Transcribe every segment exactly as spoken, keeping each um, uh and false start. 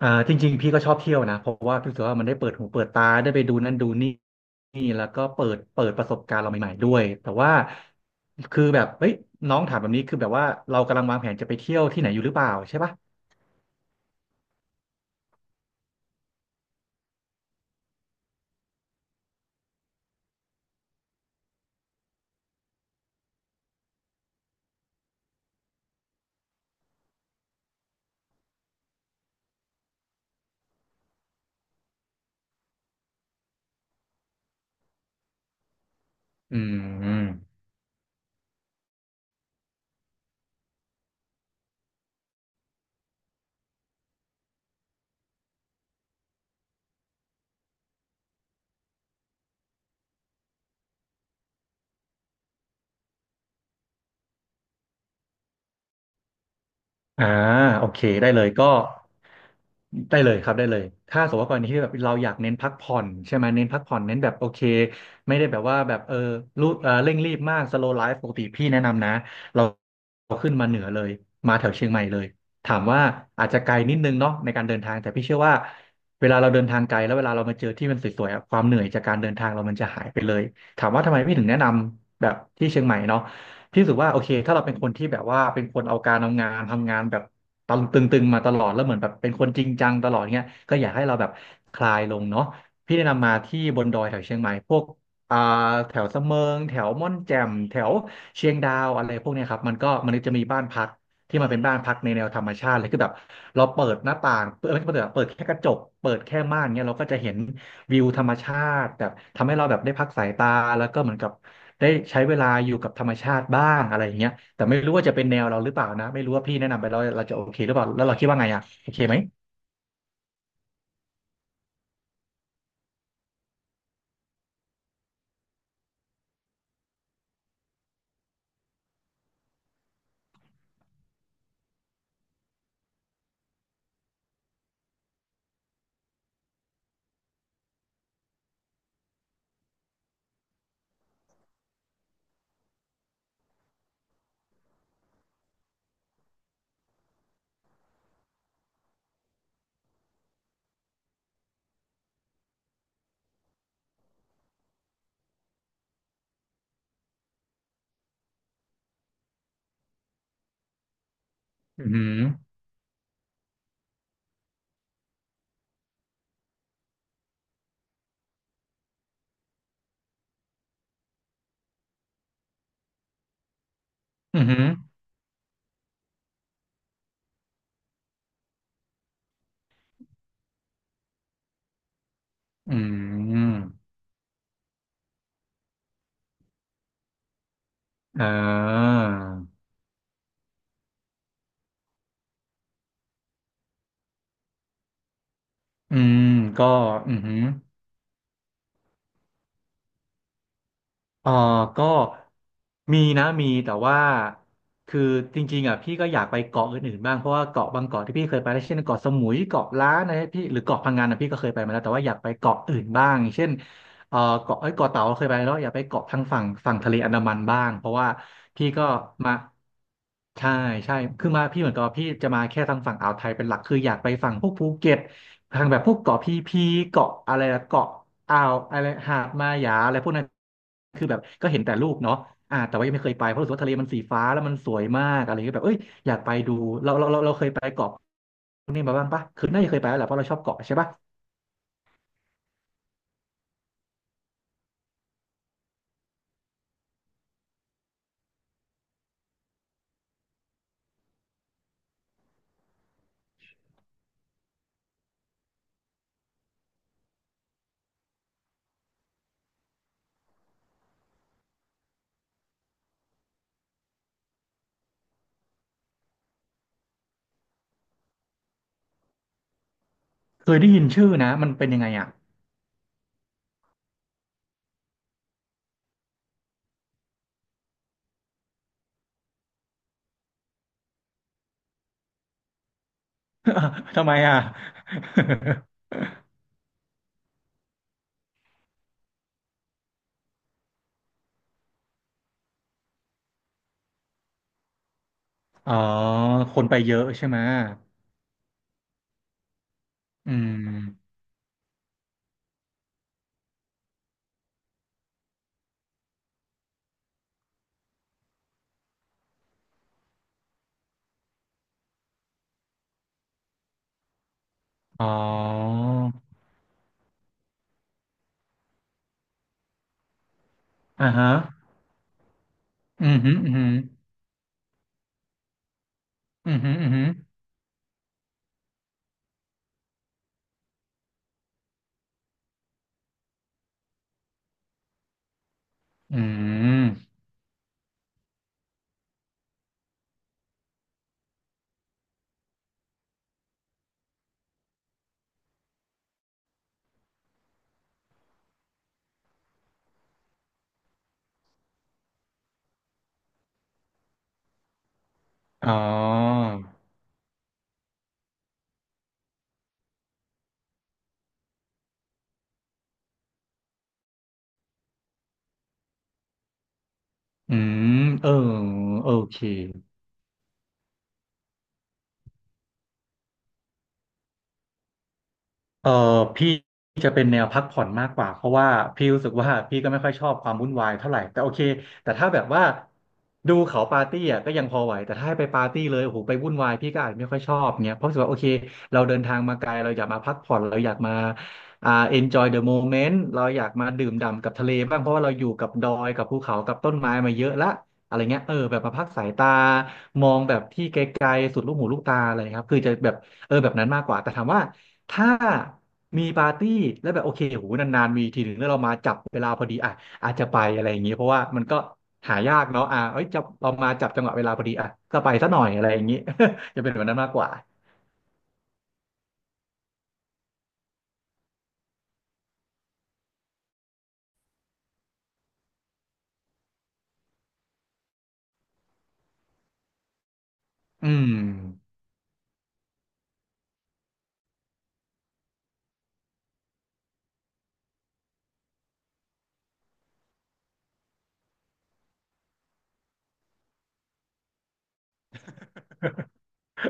อ่าจริงๆพี่ก็ชอบเที่ยวนะเพราะว่าพี่รู้สึกว่ามันได้เปิดหูเปิดตาได้ไปดูนั่นดูนี่นี่แล้วก็เปิดเปิดประสบการณ์เราใหม่ๆด้วยแต่ว่าคือแบบเฮ้ยน้องถามแบบนี้คือแบบว่าเรากำลังวางแผนจะไปเที่ยวที่ไหนอยู่หรือเปล่าใช่ปะอืม อ่าโอเคได้เลยก็ได้เลยครับได้เลยถ้าสมมติว่ากรณีที่แบบเราอยากเน้นพักผ่อนใช่ไหมเน้นพักผ่อนเน้นแบบโอเคไม่ได้แบบว่าแบบเออรูเออเร่งรีบมากสโลว์ไลฟ์ปกติพี่แนะนำนะเราขึ้นมาเหนือเลยมาแถวเชียงใหม่เลยถามว่าอาจจะไกลนิดนึงเนาะในการเดินทางแต่พี่เชื่อว่าเวลาเราเดินทางไกลแล้วเวลาเรามาเจอที่มันสวยๆอะความเหนื่อยจากการเดินทางเรามันจะหายไปเลยถามว่าทำไมพี่ถึงแนะนำแบบที่เชียงใหม่เนาะ พี่รู้สึกว่าโอเคถ้าเราเป็นคนที่แบบว่าเป็นคนเอาการเอางานทำงานแบบตึงตึงๆมาตลอดแล้วเหมือนแบบเป็นคนจริงจังตลอดเงี้ยก็อยากให้เราแบบคลายลงเนาะพี่แนะนำมาที่บนดอยแถวเชียงใหม่พวกอ่าแถวสะเมิงแถวม่อนแจ่มแถวเชียงดาวอะไรพวกเนี้ยครับมันก็มันจะมีบ้านพักที่มันเป็นบ้านพักในแนวธรรมชาติเลยคือแบบเราเปิดหน้าต่างเปิดไม่ใช่เปิด่เปิดแค่กระจกเปิดแค่ม่านเงี้ยเราก็จะเห็นวิวธรรมชาติแบบทำให้เราแบบได้พักสายตาแล้วก็เหมือนกับ ได้ใช้เวลาอยู่กับธรรมชาติบ้างอะไรอย่างเงี้ยแต่ไม่รู้ว่าจะเป็นแนวเราหรือเปล่านะไม่รู้ว่าพี่แนะนำไปแล้วเราจะโอเคหรือเปล่าแล้วเราคิดว่าไงอ่ะโอเคไหมอือหืออือหืออืมอ่าอืมก็อือหือ เออก็มีนะมีแต่ว่าคือจริงๆอ่ะพี่ก็อยากไปเกาะอื่นๆบ้างเพราะว่าเกาะบางเกาะที่พี่เคยไปแล้วเช่นเกาะสมุยเกาะล้านนะพี่หรือเกาะพังงานนะพี่ก็เคยไปมาแล้วแต่ว่าอยากไปเกาะอื่นบ้างเช่นเออเกาะเอ้ยเกาะเต่าเคยไปแล้วอยากไปเกาะทางฝั่งฝั่งทะเลอันดามันบ้างเพราะว่าพี่ก็มาใช่ใช่คือมาพี่เหมือนกับว่าพี่จะมาแค่ทางฝั่งอ่าวไทยเป็นหลักคืออยากไปฝั่งพวกภูเก็ต ทางแบบพวกเกาะพีพีเกาะอะไรนะเกาะอ่าวอะไรหาดมาหยาอะไรพวกนั้นคือแบบก็เห็นแต่รูปเนาะอ่าแต่ว่ายังไม่เคยไปเพราะรู้สึกว่าทะเลมันสีฟ้าแล้วมันสวยมากอะไรเงี้ยแบบเอ้ยอยากไปดูเราเราเราเราเคยไปเกาะไาบ้างปะคือน่าจะเคยไปแล้วแหละเพราะเราชอบเกาะใช่ปะเคยได้ยินชื่อนะมันเป็นยังไงอ่ะ ทำไมอ่ะ อ๋อคนไปเยอะใช่ไหมอืมอ๋ออ่าฮะอืมฮึอืมฮึอืมฮึอืมฮึอืมอ๋อ อืมเออโอเค เออพี่จะเป็นแนวพักผ่อนมากกว่าเพราะว่าพี่รู้สึกว่าพี่ก็ไม่ค่อยชอบความวุ่นวายเท่าไหร่แต่โอเคแต่ถ้าแบบว่าดูเขาปาร์ตี้อ่ะก็ยังพอไหวแต่ถ้าให้ไปปาร์ตี้เลยโอ้โหไปวุ่นวายพี่ก็อาจไม่ค่อยชอบเงี้ยเพราะรู้สึกว่าโอเคเราเดินทางมาไกลเราอยากมาพักผ่อนเราอยากมาอ่า enjoy the moment เราอยากมาดื่มด่ำกับทะเลบ้างเพราะว่าเราอยู่กับดอยกับภูเขากับต้นไม้มาเยอะละอะไรเงี้ยเออแบบมาพักสายตามองแบบที่ไกลๆสุดลูกหูลูกตาอะไรครับคือจะแบบเออแบบนั้นมากกว่าแต่ถามว่า ถ้ามีปาร์ตี้แล้วแบบโอเคโหนานๆมีทีหนึ่งแล้วเรามาจับเวลาพอดีอ่ะอาจจะไปอะไรอย่างเงี้ยเพราะว่ามันก็หายากเนาะอ่ะเอ้ยจะเรามาจับจังหวะเวลาพอดีอ่ะก็ไปซะหน่อยอะไรอย่างงี้ จะเป็นแบบนั้นมากกว่าอืม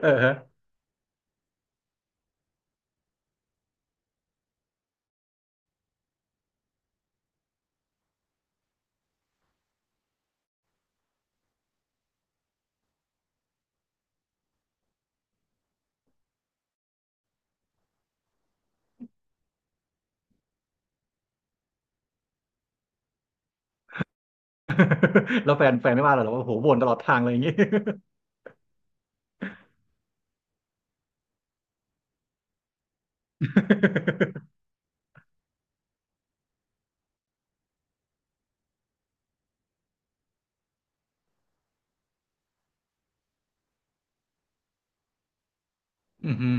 เออฮะ แล้วแฟนแฟนไม่ว่าเราหรอกว่าโหบ่นตลอดทางอะไรอย่างงี้ อือหือ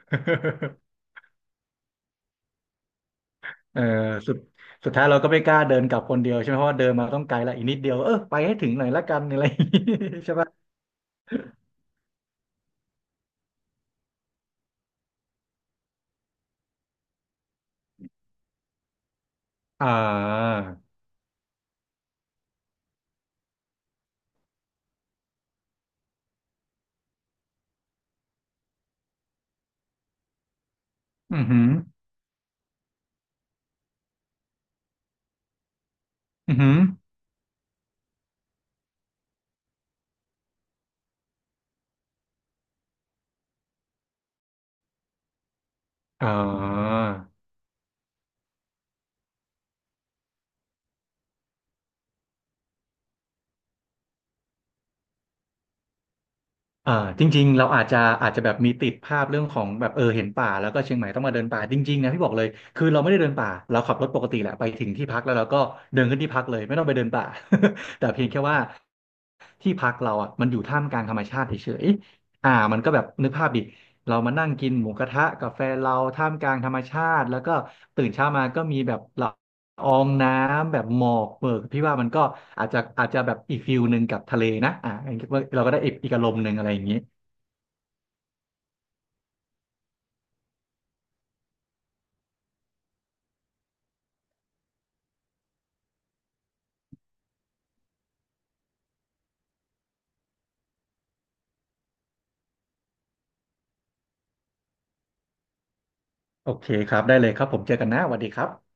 เออสุดสุดท้ายเราก็ไม่กล้าเดินกลับคนเดียวใช่ไหมเพราะว่าเดินมาต้องไกลละอีกนิดเดียวเออไปให้ถึงหน่อยละกันอะไรอย่างงี้ ใช่ปะอ่าอือหือ อือหืออ่าอ่าจริงๆ เราอาจจะอาจจะแบบมีติดภาพเรื่องของแบบเออเห็นป่าแล้วก็เชียงใหม่ต้องมาเดินป่าจริงๆนะพี่บอกเลยคือเราไม่ได้เดินป่าเราขับรถปกติแหละไปถึงที่พักแล้วเราก็เดินขึ้นที่พักเลยไม่ต้องไปเดินป่า แต่เพียงแค่ว่าที่พักเราอ่ะมันอยู่ท่ามกลางธรรมชาติเฉยๆอ่ามันก็แบบนึกภาพดิเรามานั่งกินหมูกระทะกาแฟนเราท่ามกลางธรรมชาติแล้วก็ตื่นเช้ามาก็มีแบบเรา อองน้ำแบบหมอกเปิกพี่ว่ามันก็อาจจะอาจจะแบบอีกฟิลหนึ่งกับทะเลนะอ่าเราก็ได้อีกอีกอารมณ์หนึ่งอะไรอย่างนี้โอเคครับได้เลยครับผมเจอกันนะสวัสดีครับ